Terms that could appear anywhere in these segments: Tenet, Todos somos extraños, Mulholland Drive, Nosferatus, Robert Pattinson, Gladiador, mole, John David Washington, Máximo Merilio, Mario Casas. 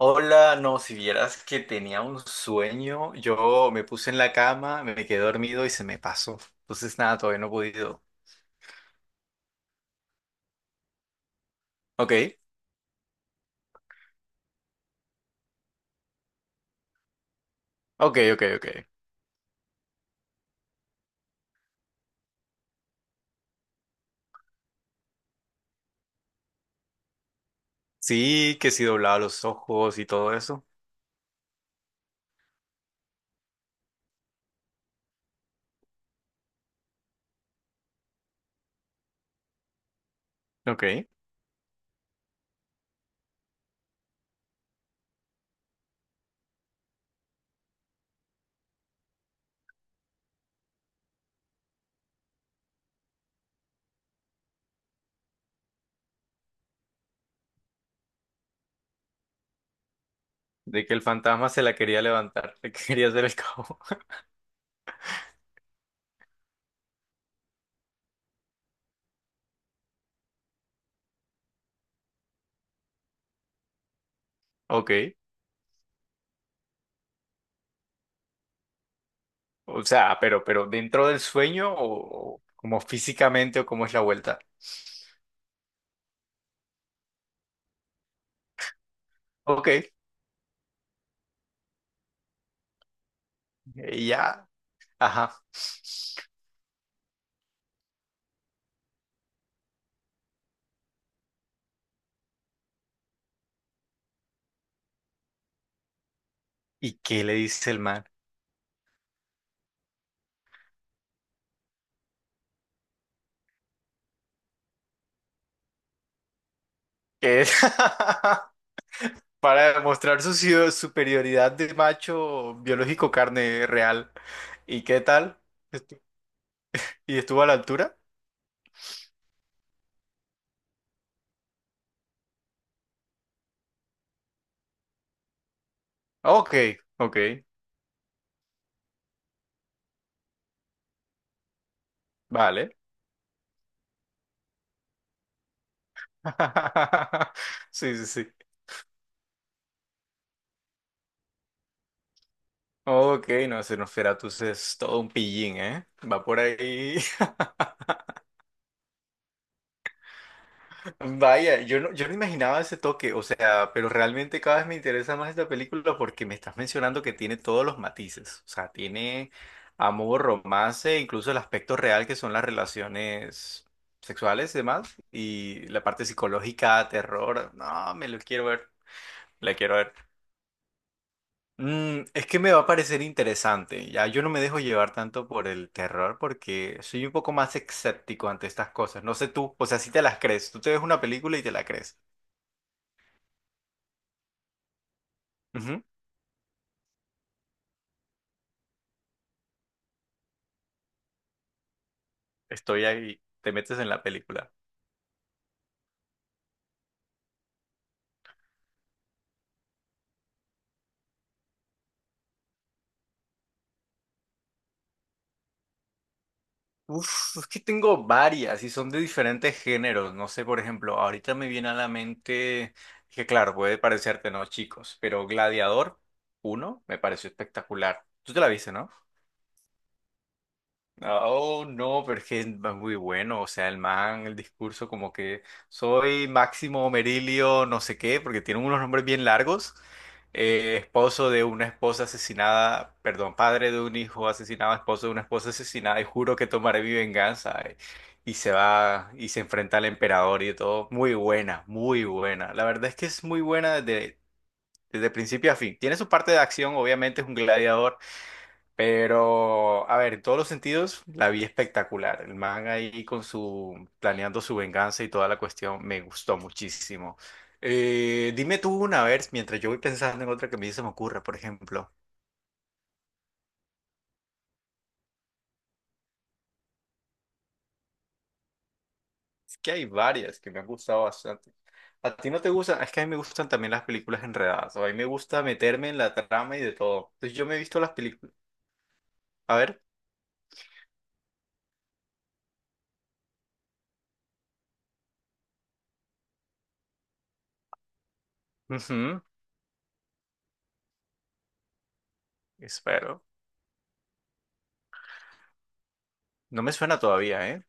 Hola, no, si vieras que tenía un sueño, yo me puse en la cama, me quedé dormido y se me pasó. Entonces, nada, todavía no he podido. Ok, ok, ok, ok. Sí, que sí doblaba los ojos y todo eso. Ok. De que el fantasma se la quería levantar, le quería hacer el cabo. Ok. O sea, pero dentro del sueño o como físicamente o cómo es la vuelta. Ok, ya. Ajá. ¿Y qué le dice el man? ¿Qué es? Para demostrar su superioridad de macho biológico carne real. ¿Y qué tal? Estu- ¿Y estuvo a la altura? Ok, ok, vale. Sí, sí, sí. Ok, no, Nosferatus es todo un pillín, ¿eh? Va por ahí. Vaya, yo no imaginaba ese toque, o sea, pero realmente cada vez me interesa más esta película porque me estás mencionando que tiene todos los matices, o sea, tiene amor, romance, incluso el aspecto real que son las relaciones sexuales y demás, y la parte psicológica, terror, no, me lo quiero ver, la quiero ver. Mm, es que me va a parecer interesante, ya yo no me dejo llevar tanto por el terror porque soy un poco más escéptico ante estas cosas, no sé tú, o sea, si te las crees, tú te ves una película y te la crees. Estoy ahí, te metes en la película. Uf, es que tengo varias y son de diferentes géneros. No sé, por ejemplo, ahorita me viene a la mente que, claro, puede parecerte, ¿no, chicos? Pero Gladiador uno me pareció espectacular. Tú te la viste, ¿no? Ah, oh, no, pero es que es muy bueno, o sea, el man, el discurso como que soy Máximo Merilio, no sé qué, porque tiene unos nombres bien largos, esposo de una esposa asesinada, perdón, padre de un hijo asesinado, esposo de una esposa asesinada, y juro que tomaré mi venganza, y se va y se enfrenta al emperador y todo, muy buena, la verdad es que es muy buena desde principio a fin, tiene su parte de acción, obviamente es un gladiador pero, a ver, en todos los sentidos, la vi espectacular. El man ahí con su, planeando su venganza y toda la cuestión, me gustó muchísimo. Dime tú una vez, mientras yo voy pensando en otra que a mí se me ocurra, por ejemplo. Es que hay varias que me han gustado bastante. ¿A ti no te gustan? Es que a mí me gustan también las películas enredadas. O a mí me gusta meterme en la trama y de todo. Entonces yo me he visto las películas. A ver. Ujú. Espero. No me suena todavía, ¿eh?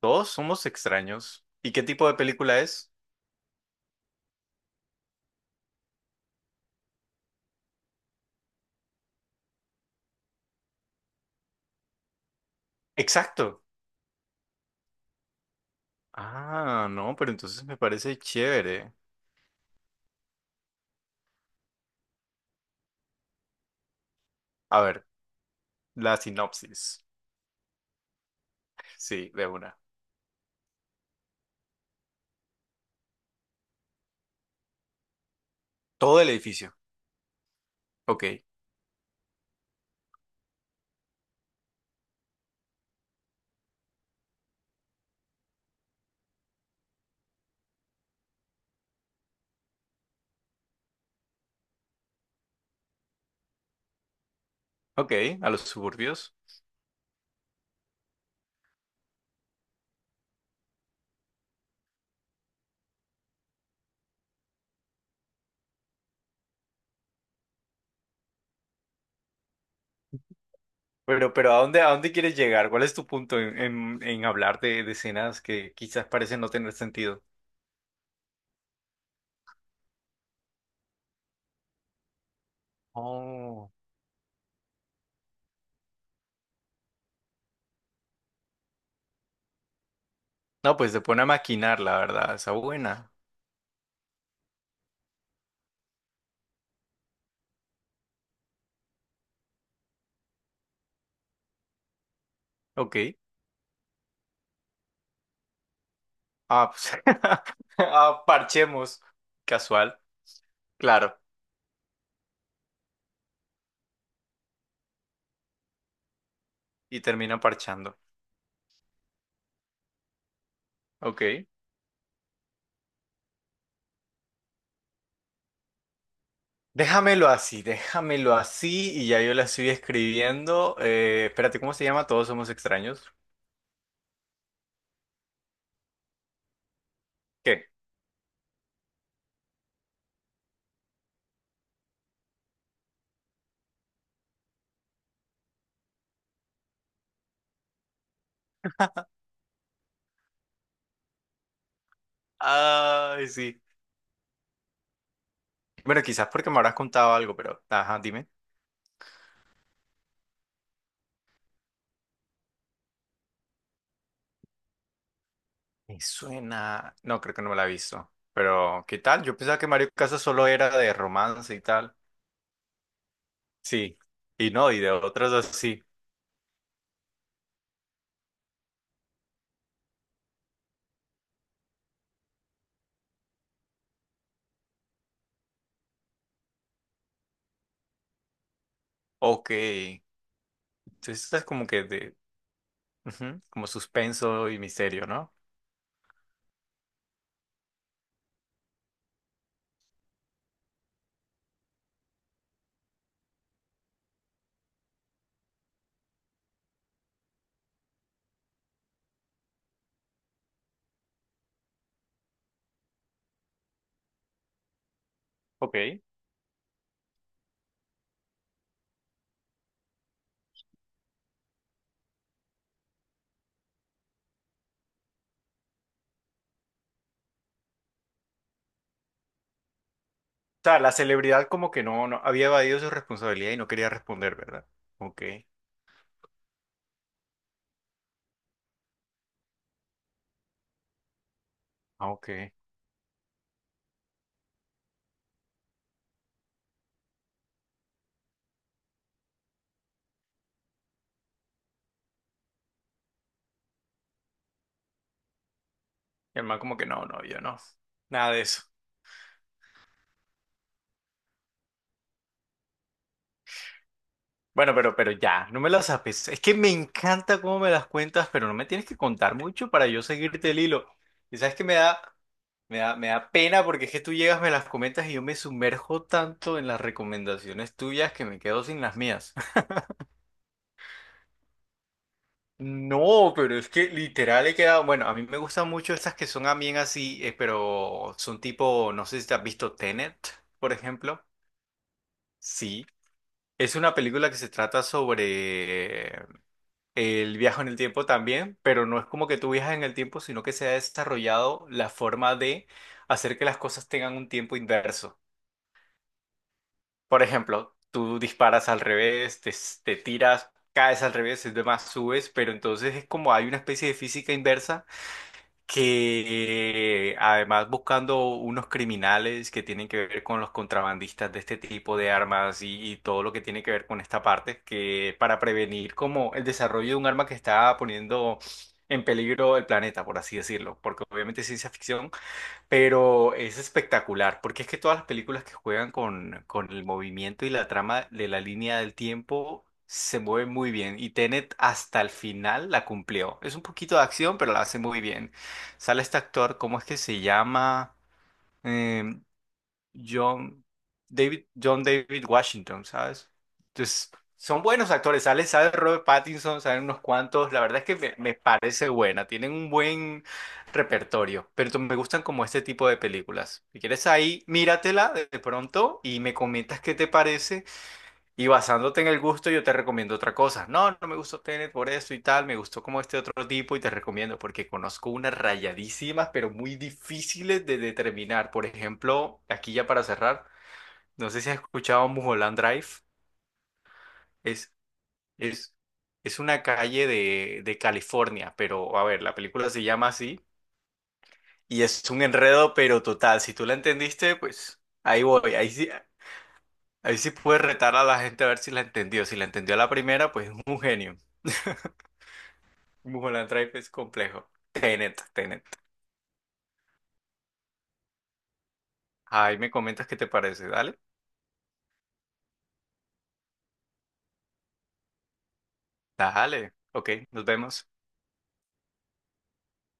Todos somos extraños. ¿Y qué tipo de película es? Exacto. Ah, no, pero entonces me parece chévere. A ver, la sinopsis. Sí, de una. Todo el edificio. Ok, ok, a los suburbios. Pero a dónde quieres llegar? ¿Cuál es tu punto en hablar de escenas que quizás parecen no tener sentido? Oh. No, pues se pone a maquinar, la verdad. Esa buena. Ok. Ah, pues, ah, parchemos. Casual, claro. Y termina parchando. Ok. Déjamelo así y ya yo la estoy escribiendo. Espérate, ¿cómo se llama? Todos somos extraños. ¿Qué? Ay, sí. Bueno, quizás porque me habrás contado algo, pero... Ajá, dime. Me suena... No, creo que no me la he visto. Pero, ¿qué tal? Yo pensaba que Mario Casas solo era de romance y tal. Sí. Y no, y de otras así. Ok. Entonces, es como que de... ujú, como suspenso y misterio, ¿no? Ok. O sea, la celebridad como que no, no había evadido su responsabilidad y no quería responder, ¿verdad? Ok, ah, ok. Y el man como que no, no, yo no. Nada de eso. Bueno, pero ya, no me las sabes. Es que me encanta cómo me las cuentas, pero no me tienes que contar mucho para yo seguirte el hilo. Y sabes que me da pena porque es que tú llegas, me las comentas y yo me sumerjo tanto en las recomendaciones tuyas que me quedo sin las mías. No, pero es que literal he quedado. Bueno, a mí me gustan mucho estas que son a bien así, pero son tipo, no sé si te has visto Tenet, por ejemplo. Sí. Es una película que se trata sobre el viaje en el tiempo también, pero no es como que tú viajas en el tiempo, sino que se ha desarrollado la forma de hacer que las cosas tengan un tiempo inverso. Por ejemplo, tú disparas al revés, te tiras, caes al revés y demás subes, pero entonces es como hay una especie de física inversa que además buscando unos criminales que tienen que ver con los contrabandistas de este tipo de armas y todo lo que tiene que ver con esta parte, que para prevenir como el desarrollo de un arma que está poniendo en peligro el planeta, por así decirlo, porque obviamente es ciencia ficción, pero es espectacular, porque es que todas las películas que juegan con el movimiento y la trama de la línea del tiempo se mueven muy bien. Y Tenet hasta el final la cumplió. Es un poquito de acción, pero la hace muy bien. Sale este actor, ¿cómo es que se llama? Em, John John David Washington, ¿sabes? Entonces, son buenos actores, sale, sale Robert Pattinson, salen unos cuantos, la verdad es que me parece buena, tienen un buen repertorio, pero me gustan como este tipo de películas. Si quieres ahí, míratela de pronto y me comentas qué te parece y basándote en el gusto, yo te recomiendo otra cosa. No, no me gustó Tenet por esto y tal, me gustó como este otro tipo y te recomiendo porque conozco unas rayadísimas, pero muy difíciles de determinar. Por ejemplo, aquí ya para cerrar, no sé si has escuchado Mulholland Drive. Es, es, es una calle de California, pero a ver, la película se llama así y es un enredo, pero total. Si tú la entendiste, pues ahí voy. Ahí sí puedes retar a la gente a ver si la entendió. Si la entendió a la primera, pues es un genio. Mulholland Drive es complejo. Tenet, Tenet. Ahí me comentas qué te parece. Dale. Dale. Ok, nos vemos.